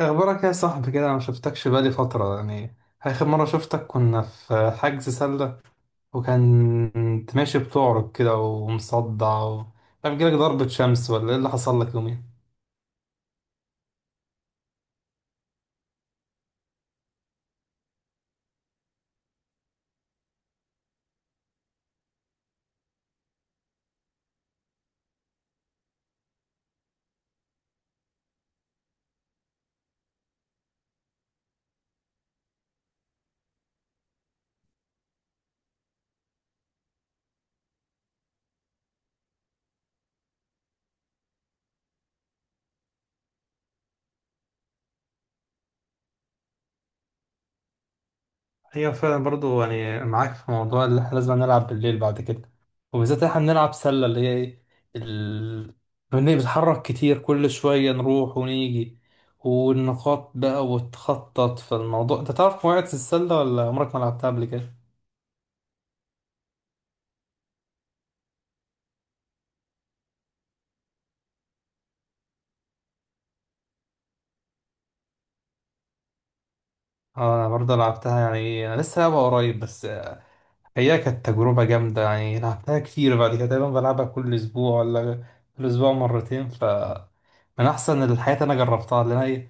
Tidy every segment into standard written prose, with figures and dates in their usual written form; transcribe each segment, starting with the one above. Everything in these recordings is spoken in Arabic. اخبارك يا صاحبي كده، انا ما شفتكش بقالي فتره يعني. اخر مره شفتك كنا في حجز سله، وكنت ماشي بتعرج كده ومصدع كان جالك ضربه شمس ولا ايه اللي حصل لك يومين؟ ايوه فعلا، برضو يعني معاك في موضوع اللي احنا لازم نلعب بالليل بعد كده. وبالذات احنا بنلعب سله اللي هي ايه ال... بنتحرك كتير، كل شويه نروح ونيجي والنقاط بقى وتخطط في الموضوع. انت تعرف قواعد السله ولا عمرك ما لعبتها قبل كده؟ اه، انا برضه لعبتها، يعني انا لسه لعبها قريب بس. هي كانت تجربة جامدة، يعني لعبتها كتير بعد كده، دايما بلعبها كل اسبوع ولا كل اسبوع مرتين. ف من احسن الحاجات اللي انا جربتها، لان هي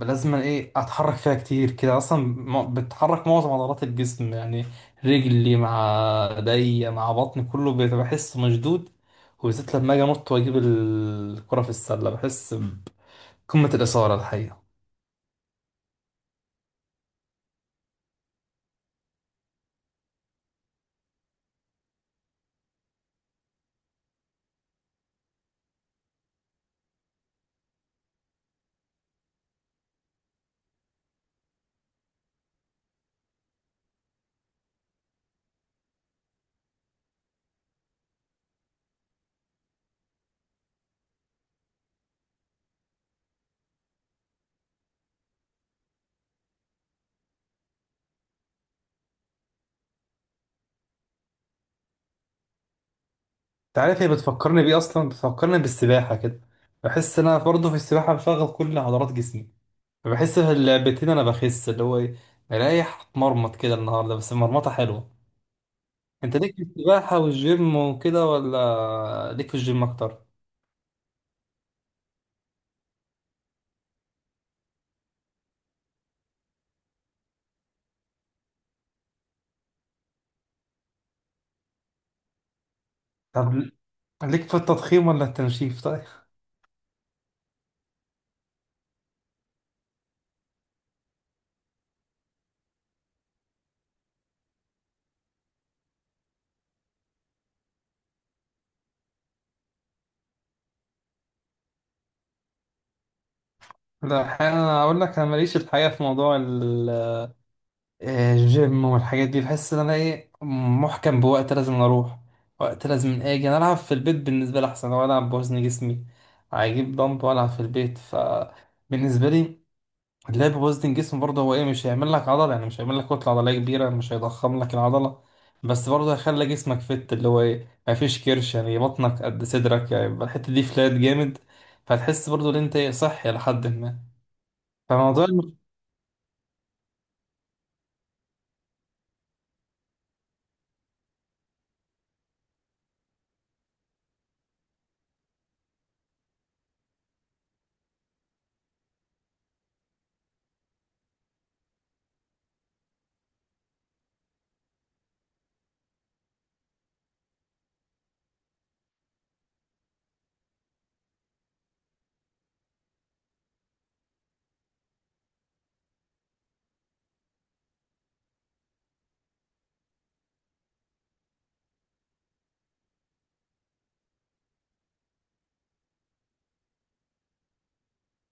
لازم ايه اتحرك فيها كتير كده، اصلا بتحرك معظم عضلات الجسم يعني، رجلي مع ايديا مع بطني كله بيبقى بحس مشدود. وبالذات لما اجي انط واجيب الكرة في السلة، بحس بقمة الإثارة الحقيقة. عارف هي بتفكرني بيه، اصلا بتفكرني بالسباحه كده. بحس ان انا برضه في السباحه بشغل كل عضلات جسمي، فبحس في اللعبتين انا بخس اللي هو ايه، مريح. اتمرمط كده النهارده بس مرمطه حلوه. انت ليك في السباحه والجيم وكده ولا ليك في الجيم اكتر؟ طب ليك في التضخيم ولا التنشيف طيب؟ لا، الحقيقة انا اقول لك انا ماليش الحقيقه في موضوع جيم والحاجات دي. بحس ان انا ايه محكم بوقت لازم اروح، وقت لازم اجي. انا العب في البيت بالنسبه لي احسن، لو العب بوزن جسمي هجيب دمب والعب في البيت. فبالنسبه لي اللعب بوزن جسم برضه هو ايه، مش هيعمل لك عضله، يعني مش هيعمل لك كتله عضليه كبيره، مش هيضخم لك العضله، بس برضه هيخلي جسمك فت اللي هو ايه، ما فيش كرش يعني، بطنك قد صدرك، يعني يبقى الحته دي فلات جامد. فتحس برضه ان انت ايه صحي لحد ما فموضوع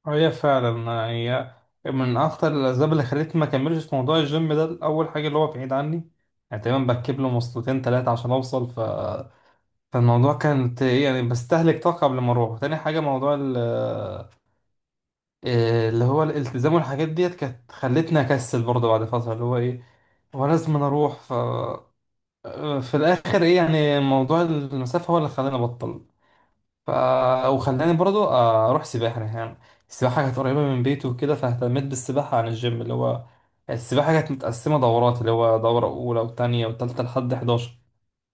اه، هي فعلا هي من اكتر الاسباب اللي خلتني ما اكملش في موضوع الجيم ده. اول حاجه اللي هو بعيد عني، يعني تقريبا بركب له مواصلتين ثلاثه عشان اوصل فالموضوع كانت إيه يعني، بستهلك طاقه قبل ما اروح. تاني حاجه موضوع إيه اللي هو الالتزام والحاجات ديت، كانت خلتني اكسل برضه بعد فتره اللي هو ايه، هو لازم أنا اروح. ف في الاخر ايه يعني، موضوع المسافه هو اللي خلاني ابطل، ف... وخلاني برضو اروح سباحه يعني. السباحه كانت قريبه من بيته وكده، فاهتميت بالسباحه عن الجيم. اللي هو السباحه كانت متقسمه دورات، اللي هو دوره اولى وتانية وتالتة لحد 11.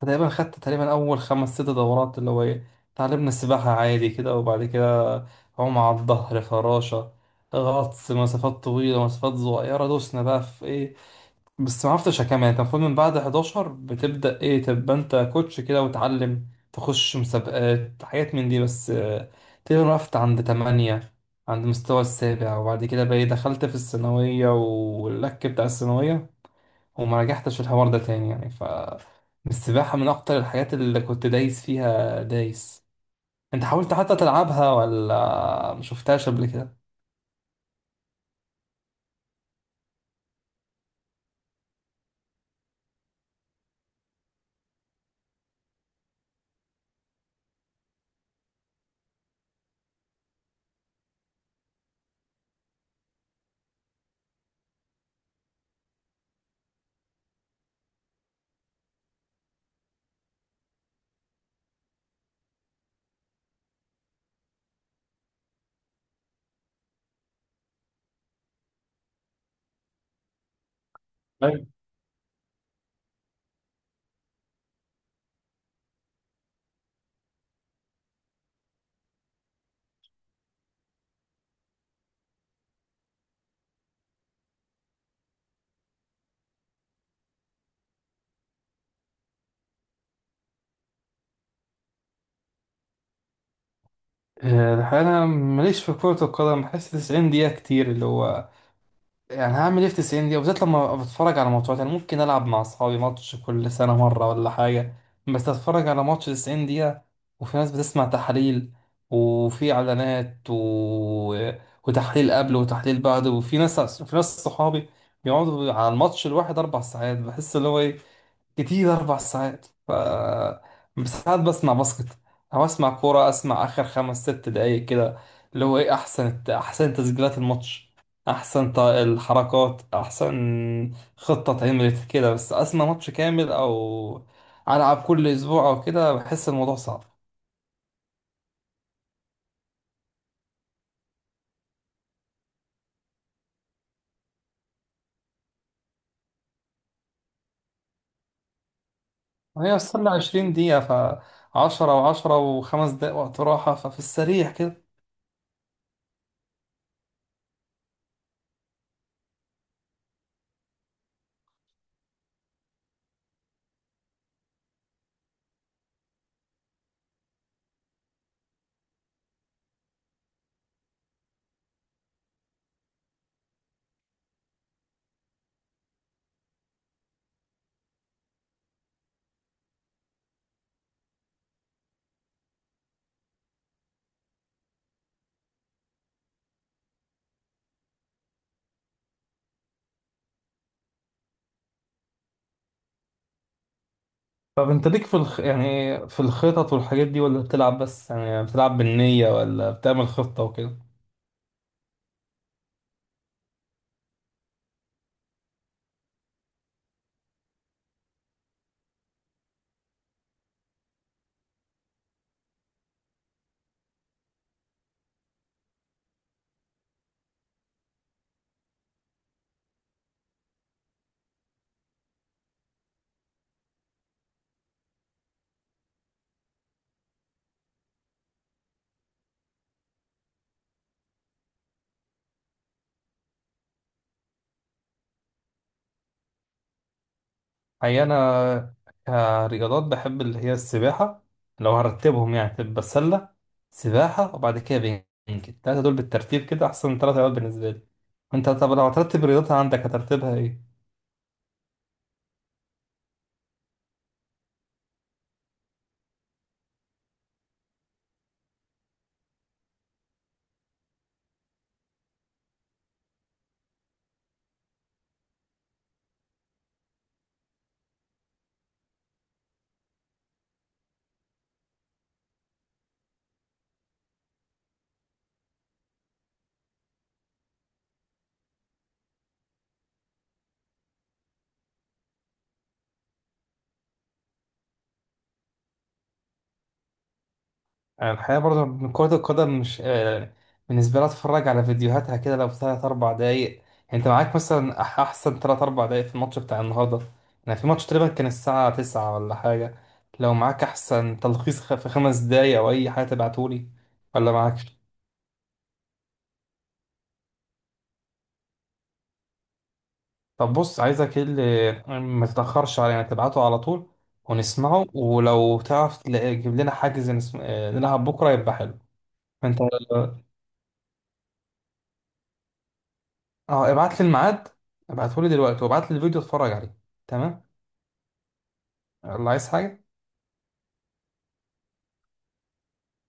فتقريبا خدت تقريبا اول خمس ست دورات، اللي هو ايه، اتعلمنا السباحه عادي كده. وبعد كده عوم على الظهر، فراشه، غطس مسافات طويله، مسافات صغيره، دوسنا بقى في ايه. بس ما عرفتش اكمل يعني، انت المفروض من بعد 11 بتبدأ ايه، تبقى انت كوتش كده وتعلم، تخش مسابقات حاجات من دي، بس تقريبا وقفت عند 8، عند مستوى السابع. وبعد كده بقى إيه، دخلت في الثانوية واللك بتاع الثانوية، وما رجعتش الحوار ده تاني يعني. ف السباحة من اكتر الحاجات اللي كنت دايس فيها دايس. انت حاولت حتى تلعبها ولا ما شفتهاش قبل كده؟ طيب. الحقيقة أنا ماليش في كرة القدم. بحس 90 دقيقة كتير، اللي هو يعني هعمل ايه في 90 دقيقة، بالذات لما بتفرج على ماتشات. يعني ممكن ألعب مع أصحابي ماتش كل سنة مرة ولا حاجة، بس أتفرج على ماتش 90 دقيقة وفي ناس بتسمع تحاليل وفي إعلانات، وتحليل قبل وتحليل بعد، وفي ناس، في ناس صحابي بيقعدوا على الماتش الواحد أربع ساعات. بحس اللي هو إيه كتير أربع ساعات. ف ساعات بسمع باسكت أو أسمع كورة، أسمع آخر خمس ست دقايق كده، اللي هو إيه، أحسن تسجيلات الماتش، أحسن الحركات، أحسن خطة اتعملت كده. بس أسمع ماتش كامل أو ألعب كل أسبوع أو كده بحس الموضوع صعب. هي السلة عشرين دقيقة، فعشرة وعشرة وخمس دقايق وقت راحة، ففي السريع كده. طب انت ليك في يعني في الخطط والحاجات دي، ولا بتلعب بس يعني، بتلعب بالنية، ولا بتعمل خطة وكده؟ هي انا كرياضات بحب اللي هي السباحة. لو هرتبهم يعني تبقى سلة، سباحة، وبعد كده بينج. التلاتة دول بالترتيب كده احسن تلات رياضات بالنسبة لي. انت طب لو هترتب رياضتها عندك هترتبها ايه؟ يعني الحقيقة برضه من كرة القدم مش بالنسبة لي أتفرج على فيديوهاتها كده لو تلات أربع دقايق. يعني أنت معاك مثلا أحسن تلات أربع دقايق في الماتش بتاع النهاردة. يعني في ماتش تقريبا كان الساعة تسعة ولا حاجة، لو معاك أحسن تلخيص في خمس دقايق أو أي حاجة تبعتولي، ولا معاكش؟ طب بص عايزك إيه اللي، ما تتأخرش علينا، تبعته على طول ونسمعه، ولو تعرف تجيب لنا حاجز نلعب بكرة يبقى حلو. أنت اه، ابعت لي الميعاد، ابعته لي دلوقتي، وابعت لي الفيديو اتفرج عليه. تمام. الله، عايز حاجة؟